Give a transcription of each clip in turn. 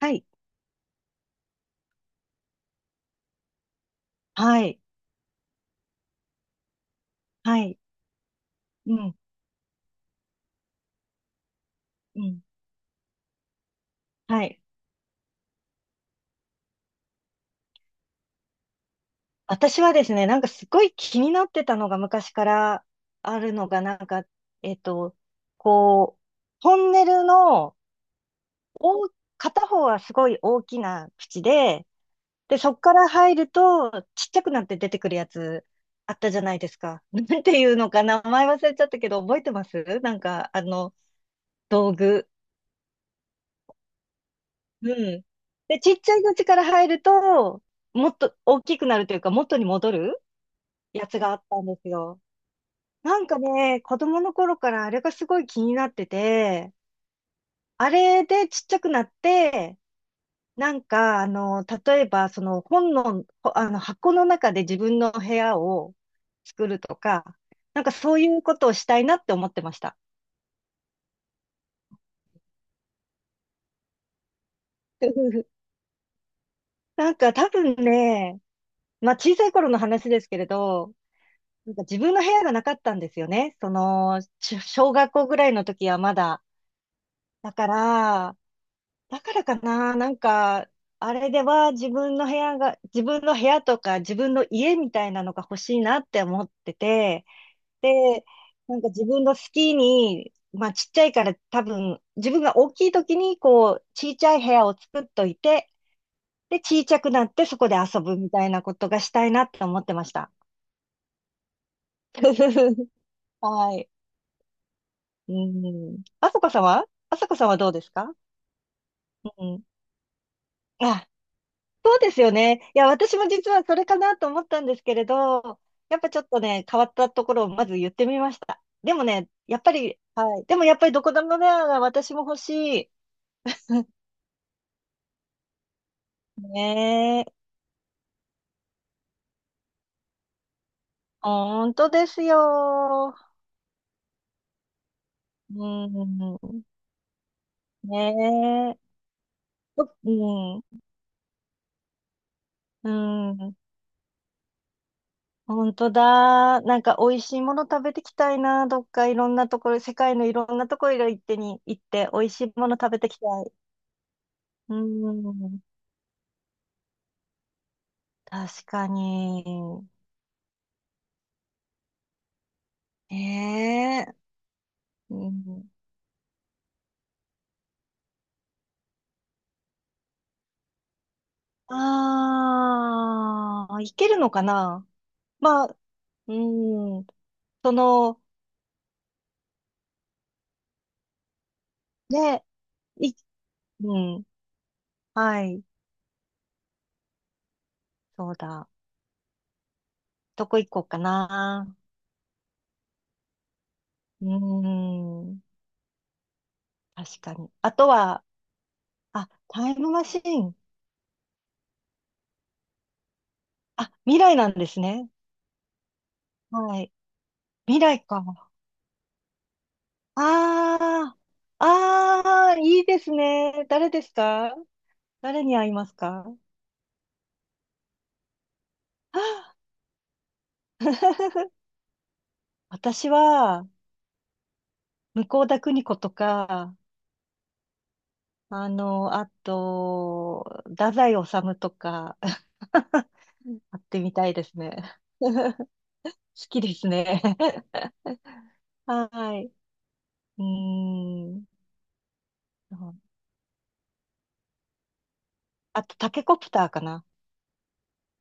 はい、はい、はい、うん、うん、はい。私はですね、なんかすごい気になってたのが昔からあるのが、なんか、えっと、こう、トンネルの大、片方はすごい大きな口で、そこから入るとちっちゃくなって出てくるやつあったじゃないですか。なんていうのか名前忘れちゃったけど、覚えてますなんか、あの、道具。うん。で、ちっちゃい口から入ると、もっと大きくなるというか、元に戻るやつがあったんですよ。なんかね、子供の頃からあれがすごい気になってて、あれでちっちゃくなって、なんか、あの、例えば、その本の、ほあの、箱の中で自分の部屋を作るとか、なんかそういうことをしたいなって思ってました。なんか多分ね、まあ小さい頃の話ですけれど、なんか自分の部屋がなかったんですよね。その、小学校ぐらいの時はまだ。だから、だからかな、なんか、あれでは自分の部屋が、自分の部屋とか自分の家みたいなのが欲しいなって思ってて、で、なんか自分の好きに、まあちっちゃいから多分、自分が大きい時にこう、ちちゃい部屋を作っといて、で、ちいちゃくなってそこで遊ぶみたいなことがしたいなって思ってました。はい。うん。あさこさんはどうですか？うん。あ、そうですよね。いや、私も実はそれかなと思ったんですけれど、やっぱちょっとね、変わったところをまず言ってみました。でもね、やっぱり、はい。でもやっぱりどこでもドアが私も欲しい。ねえ、本当ですよ。うん。ねえ。うん。うん。本当だ。なんか美味しいもの食べてきたいな。どっかいろんなところ、世界のいろんなところ行ってに行って美味しいもの食べてきたい。うん。確かに。ええうん。ああ、いけるのかな。まあ、うん。その、ね、い、うん。はい。そうだ。どこ行こうかな。うーん。確かに。あとは、あ、タイムマシーン。あ、未来なんですね。はい。未来か。ああ、ああ、いいですね。誰ですか？誰に会いますか？あ 私は、向田邦子とか、あの、あと、太宰治とか、会ってみたいですね。好きですね。はい。うーん。あと、タケコプターかな。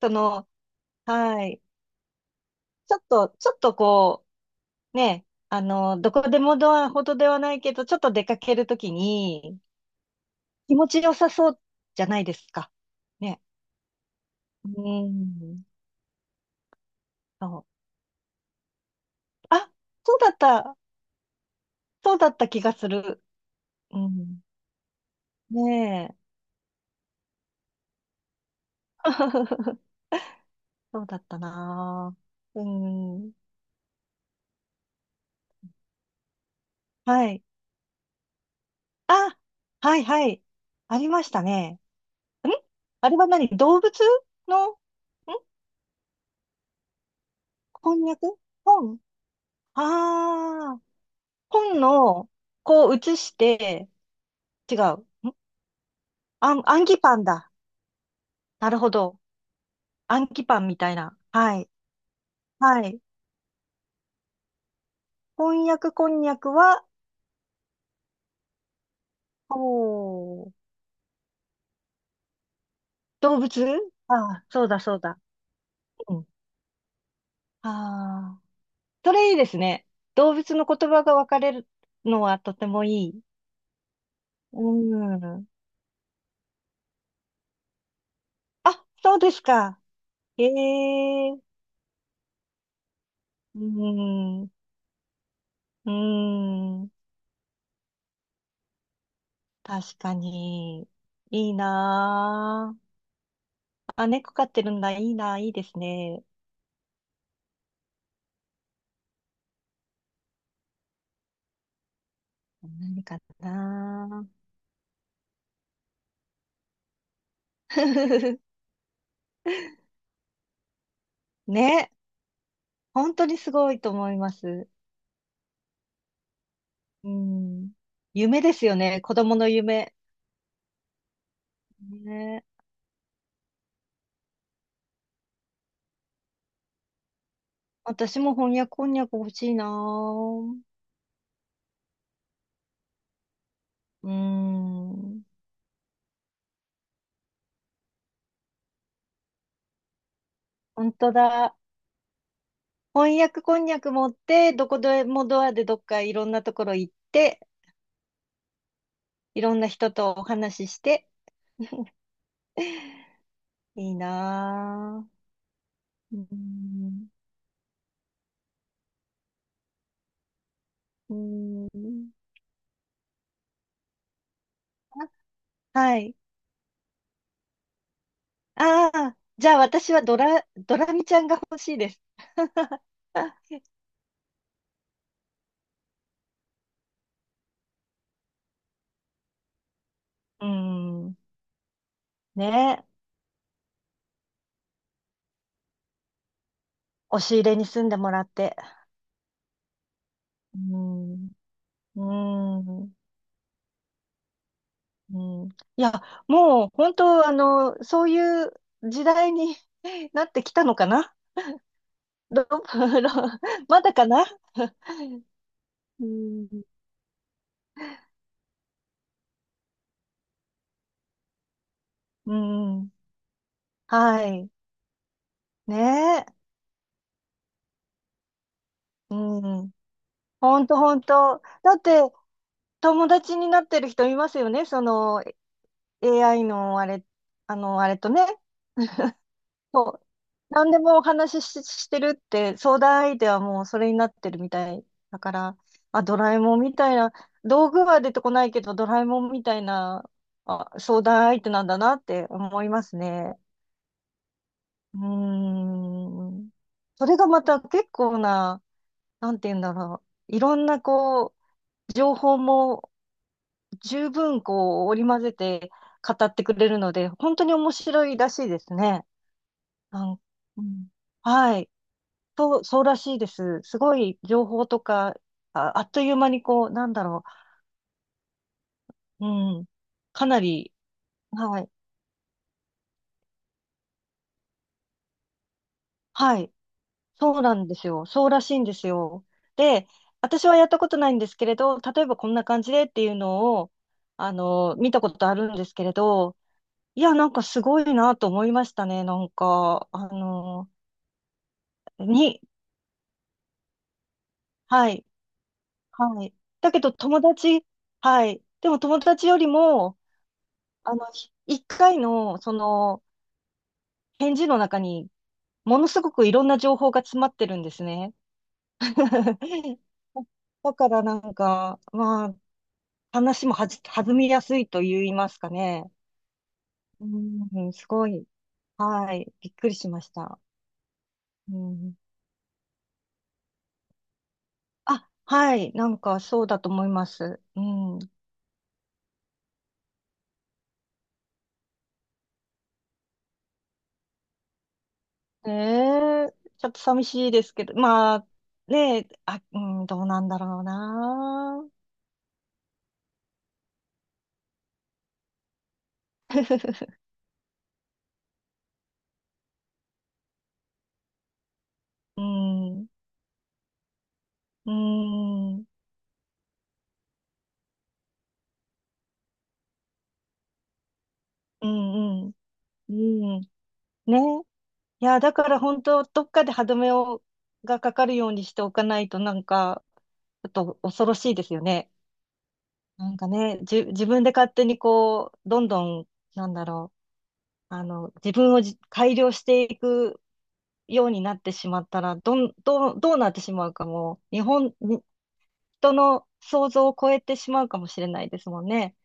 その、はい。ちょっとこう、ね、あの、どこでもドアほどではないけど、ちょっと出かけるときに、気持ちよさそうじゃないですか。ね。うん。そう。あ、そうだった。そうだった気がする。うん。ねえ。そうだったなぁ。うん。はい。あ、はいはい。ありましたね。んあれは何動物の、翻訳本ああー、本の、こう写して、違う。ん暗記パンだ。なるほど。暗記パンみたいな。はい。はい。こんにゃくこんにゃくは、おー、動物ああ、そうだそうだ。うん。ああ、それいいですね。動物の言葉が分かれるのはとてもいい。うん。あ、そうですか。へえ。うん。うん。確かに。いいなあ。あ、猫飼ってるんだ。いいなあ。いいですね。何かな ね。本当にすごいと思います。うん。夢ですよね。子供の夢。ね。私も翻訳こんにゃく欲しいなぁ。うん。本当だ。翻訳こんにゃく持って、どこでもドアでどっかいろんなところ行って、いろんな人とお話しして、いいなぁ。うん。うん。あはい。ああ、じゃあ私はドラミちゃんが欲しいです。うん。ねえ。押し入れに住んでもらって。うん。うん。うん。いや、もう本当、あの、そういう時代に なってきたのかなど、まだかな。うん。うん。はい。ねえ。うん。本当本当。だって、友達になってる人いますよね。その、AI のあれ、あの、あれとね、そう、何でもお話しし、してるって、相談相手はもうそれになってるみたいだから、あ、ドラえもんみたいな、道具は出てこないけど、ドラえもんみたいな、あ、相談相手なんだなって思いますね。うーん。それがまた結構な、なんて言うんだろう。いろんなこう、情報も十分こう、織り交ぜて語ってくれるので、本当に面白いらしいですね。なん、うん、はい。と、そうらしいです。すごい情報とか、あ、あっという間にこう、なんだろう。うん。かなり、はい。はい。そうなんですよ。そうらしいんですよ。で、私はやったことないんですけれど、例えばこんな感じでっていうのを、あの、見たことあるんですけれど、いや、なんかすごいなと思いましたね。なんか、あの、に、はい。はい。だけど友達、はい。でも友達よりも、あの、一回の、その、返事の中に、ものすごくいろんな情報が詰まってるんですね。だからなんか、まあ、話も弾みやすいと言いますかね。うん、すごい。はい。びっくりしました。うん。あ、はい。なんか、そうだと思います。うん。ええちょっと寂しいですけど、まあ、ねえ、あ、うん、どうなんだろうな。うん、うん。うんうん。うん。ね。いや、だから本当、どっかで歯止めを、がかかるようにしておかないと、なんか、ちょっと恐ろしいですよね。なんかね、自分で勝手にこう、どんどん、なんだろう、あの、自分を改良していくようになってしまったら、どうなってしまうかも、日本、に人の想像を超えてしまうかもしれないですもんね。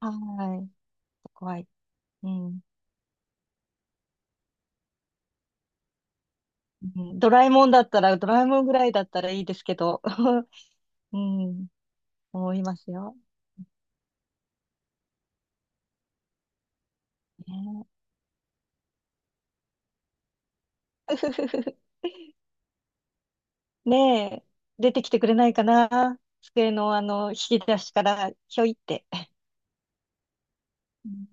はい。怖い。うん。うん。ドラえもんぐらいだったらいいですけど。うん、思いますよ。ねえ ねえ出てきてくれないかな。机のあの、引き出しから、ひょいって。うん